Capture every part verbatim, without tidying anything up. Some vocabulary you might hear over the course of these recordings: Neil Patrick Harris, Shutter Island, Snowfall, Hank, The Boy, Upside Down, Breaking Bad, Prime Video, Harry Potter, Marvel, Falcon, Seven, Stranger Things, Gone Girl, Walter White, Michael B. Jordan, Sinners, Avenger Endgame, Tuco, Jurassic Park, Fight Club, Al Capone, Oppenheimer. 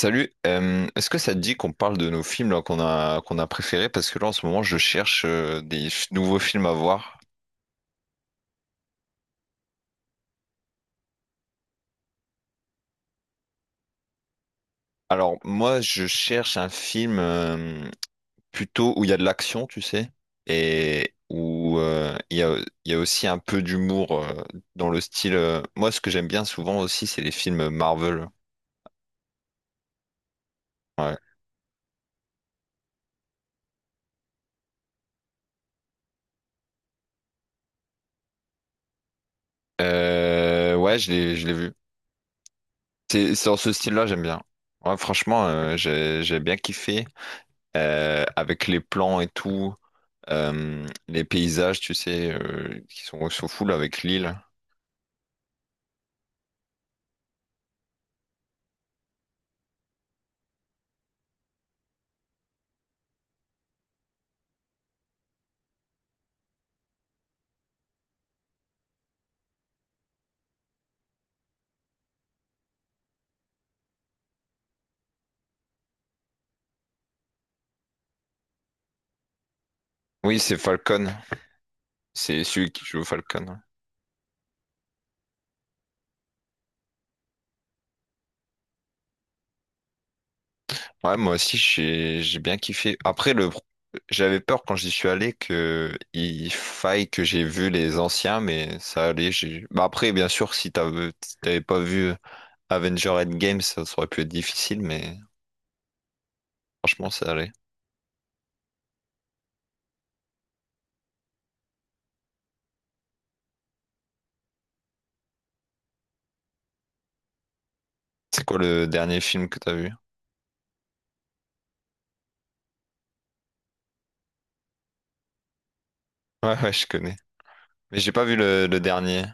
Salut, euh, est-ce que ça te dit qu'on parle de nos films là, qu'on a, qu'on a préférés? Parce que là en ce moment je cherche euh, des f- nouveaux films à voir. Alors moi je cherche un film euh, plutôt où il y a de l'action, tu sais, et où euh, il y a, il y a aussi un peu d'humour euh, dans le style. euh, Moi ce que j'aime bien souvent aussi c'est les films Marvel. Ouais. Euh, ouais je l'ai, je l'ai vu. C'est c'est dans ce style-là, j'aime bien. Ouais, franchement, euh, j'ai, j'ai bien kiffé, euh, avec les plans et tout. Euh, les paysages, tu sais, euh, qui sont au full avec l'île. Oui, c'est Falcon. C'est celui qui joue Falcon. Ouais, moi aussi, j'ai j'ai bien kiffé. Après, le, pro- j'avais peur quand j'y suis allé que il faille que j'ai vu les anciens, mais ça allait. j'ai- Bah après, bien sûr, si t'avais si t'avais pas vu Avenger Endgame, ça, ça aurait pu être difficile, mais franchement, ça allait. C'est quoi le dernier film que t'as vu? Ouais, ouais, je connais. Mais j'ai pas vu le, le dernier.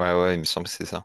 Ouais, ouais, il me semble que c'est ça.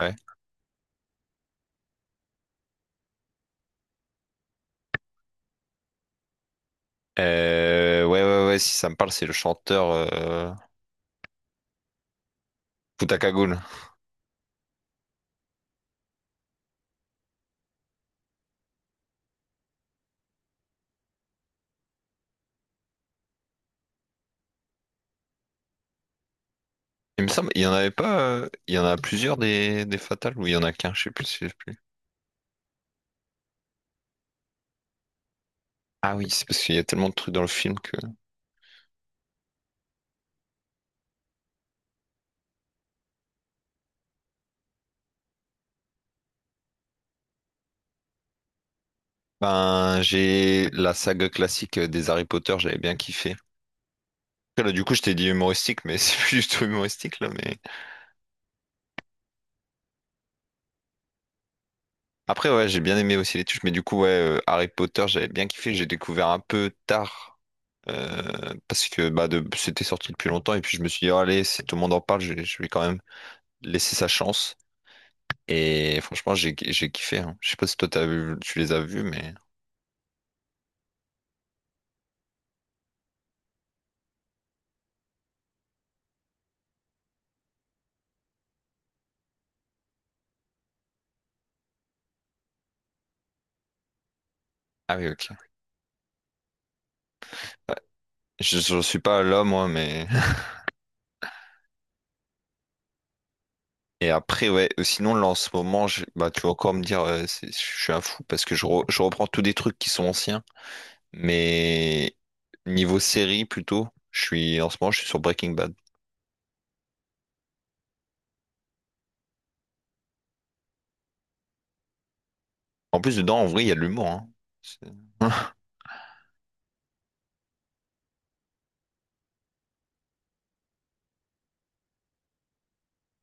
Ouais. Euh, ouais, ouais, ouais, si ça me parle, c'est le chanteur, euh, Futaka Goul. Il me semble, il y en avait pas, euh, il y en a plusieurs des, des Fatales, ou il y en a qu'un, je sais plus, je sais plus. Ah oui, c'est parce qu'il y a tellement de trucs dans le film que. Ben, j'ai la saga classique euh, des Harry Potter, j'avais bien kiffé. Là, du coup, je t'ai dit humoristique, mais c'est plus du tout humoristique, là, mais. Après, ouais, j'ai bien aimé aussi les touches, mais du coup, ouais, euh, Harry Potter, j'avais bien kiffé. J'ai découvert un peu tard, euh, parce que bah, de, c'était sorti depuis longtemps. Et puis, je me suis dit, oh, allez, si tout le monde en parle, je, je vais quand même laisser sa chance. Et franchement, j'ai j'ai kiffé, hein. Je sais pas si toi, t'as vu, tu les as vus, mais. Ah oui, ok. Ouais. Je je suis pas l'homme, moi, mais. Et après, ouais, euh, sinon, là, en ce moment, je- bah, tu vas encore me dire, euh, c'est- je suis un fou parce que je, re- je reprends tous des trucs qui sont anciens. Mais niveau série plutôt, je suis en ce moment je suis sur Breaking Bad. En plus dedans en vrai il y a de l'humour, hein. C'est-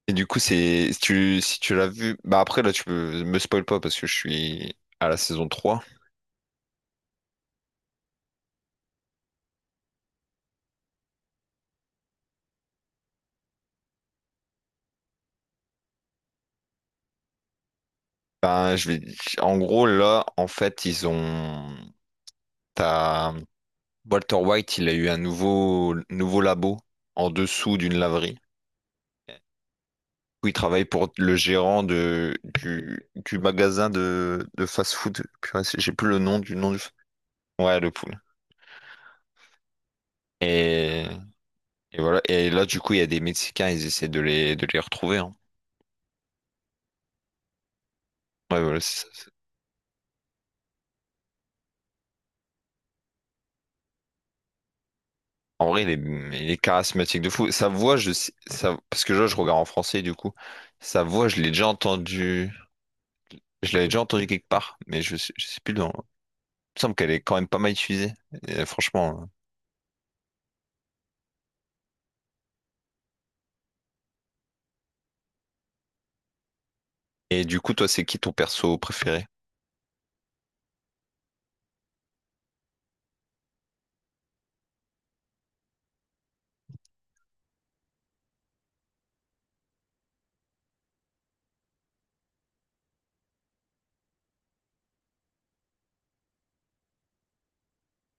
Et du coup, c'est si tu si tu l'as vu, bah après là tu peux me spoil pas parce que je suis à la saison trois. Ben je vais en gros là en fait ils ont t'as Walter White, il a eu un nouveau, nouveau labo en dessous d'une laverie, où il travaille pour le gérant de, du, du magasin de, de fast-food. Purée, c'est- J'ai plus le nom du nom du. Ouais, le poule. Et, et voilà. Et là, du coup, il y a des Mexicains, ils essaient de les, de les retrouver, hein. Ouais, voilà, c'est ça. C'est- En vrai, il est, il est charismatique de fou. Sa voix, je, sais- ça, parce que là, je regarde en français, du coup. Sa voix, je l'ai déjà entendu. Je l'avais déjà entendu quelque part, mais je, sais- je sais plus. Dans. Me semble qu'elle est quand même pas mal utilisée, et euh, franchement, hein. Et du coup, toi, c'est qui ton perso préféré?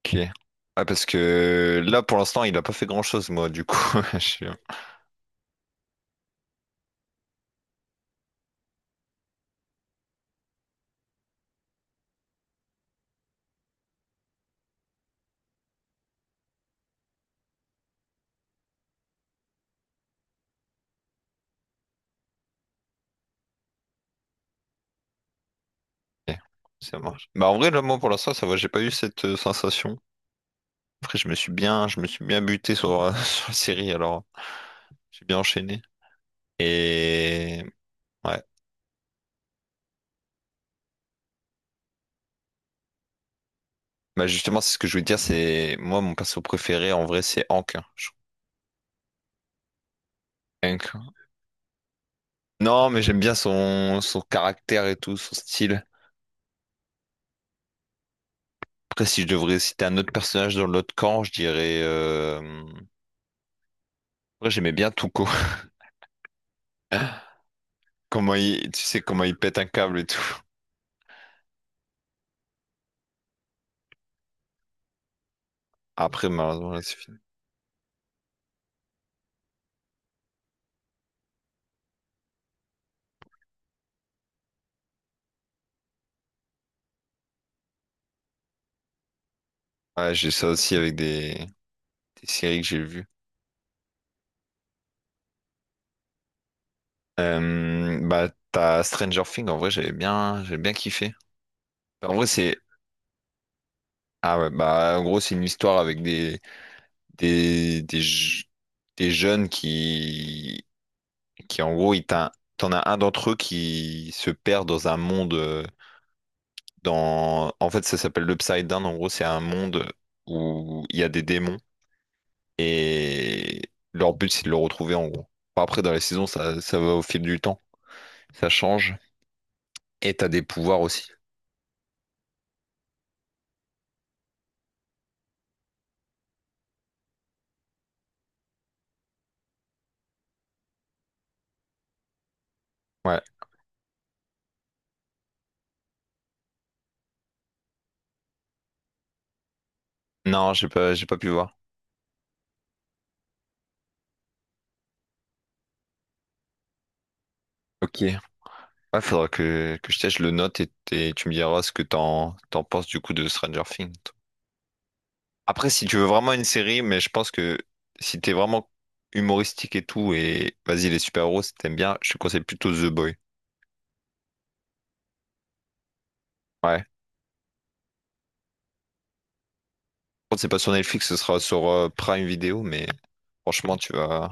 Qui est? Ah, parce que là, pour l'instant, il a pas fait grand-chose, moi, du coup. Je suis... ok, ça marche. Bah, en vrai, là, moi, pour l'instant, ça va, j'ai pas eu cette, euh, sensation. Après, je me suis bien, je me suis bien buté sur, euh, sur la série, alors j'ai bien enchaîné. Et ouais, bah justement, c'est ce que je voulais dire, c'est moi, mon perso préféré, en vrai, c'est Hank, hein. Je- trouve Hank. Non, mais j'aime bien son... son caractère et tout, son style. Après, si je devrais citer un autre personnage dans l'autre camp, je dirais, euh, après, j'aimais bien Tuco. Comment il, tu sais comment il pète un câble et tout. Après, malheureusement, là, c'est fini. Ouais, j'ai ça aussi avec des, des séries que j'ai vues. Euh, bah, t'as Stranger Things, en vrai, j'avais bien, j'ai bien kiffé. En vrai, c'est, ah ouais, bah, en gros, c'est une histoire avec des, des, des, je- des jeunes qui, qui, en gros, ils t'in- t'en as un d'entre eux qui se perd dans un monde. euh, Dans... En fait, ça s'appelle l'Upside Down. En gros, c'est un monde où il y a des démons, et leur but, c'est de le retrouver en gros. Enfin, après, dans les saisons, ça, ça va au fil du temps. Ça change. Et t'as des pouvoirs aussi. Ouais. Non, j'ai pas, j'ai pas pu voir. Ok. Ouais, faudra que, que je teste, je le note, et, et tu me diras ce que t'en, t'en penses du coup de Stranger Things. Après, si tu veux vraiment une série, mais je pense que si t'es vraiment humoristique et tout, et vas-y, les super-héros, si t'aimes bien, je te conseille plutôt The Boy. Ouais. Contre, c'est pas sur Netflix, ce sera sur euh, Prime Video, mais franchement, tu vas,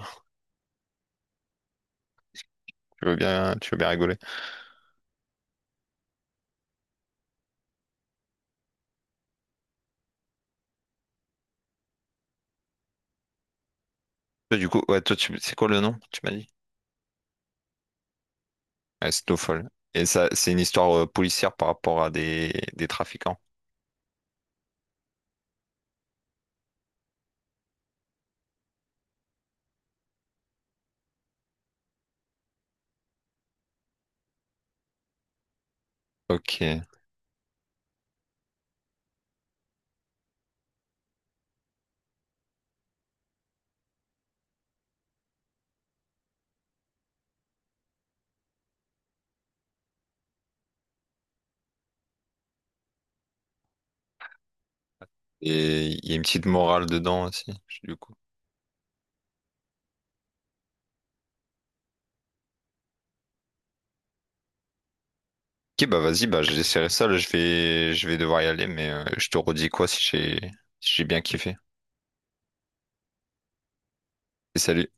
tu veux bien, tu veux bien rigoler. Toi, du coup, ouais, toi, tu- c'est quoi le nom, tu m'as dit? Ouais, Snowfall. Et ça, c'est une histoire, euh, policière par rapport à des, des trafiquants. Ok. Et il y a une petite morale dedans aussi, du coup. Ok, bah vas-y, bah j'essaierai ça, là, je vais, je vais devoir y aller, mais euh, je te redis quoi si j'ai, si j'ai bien kiffé. Et salut.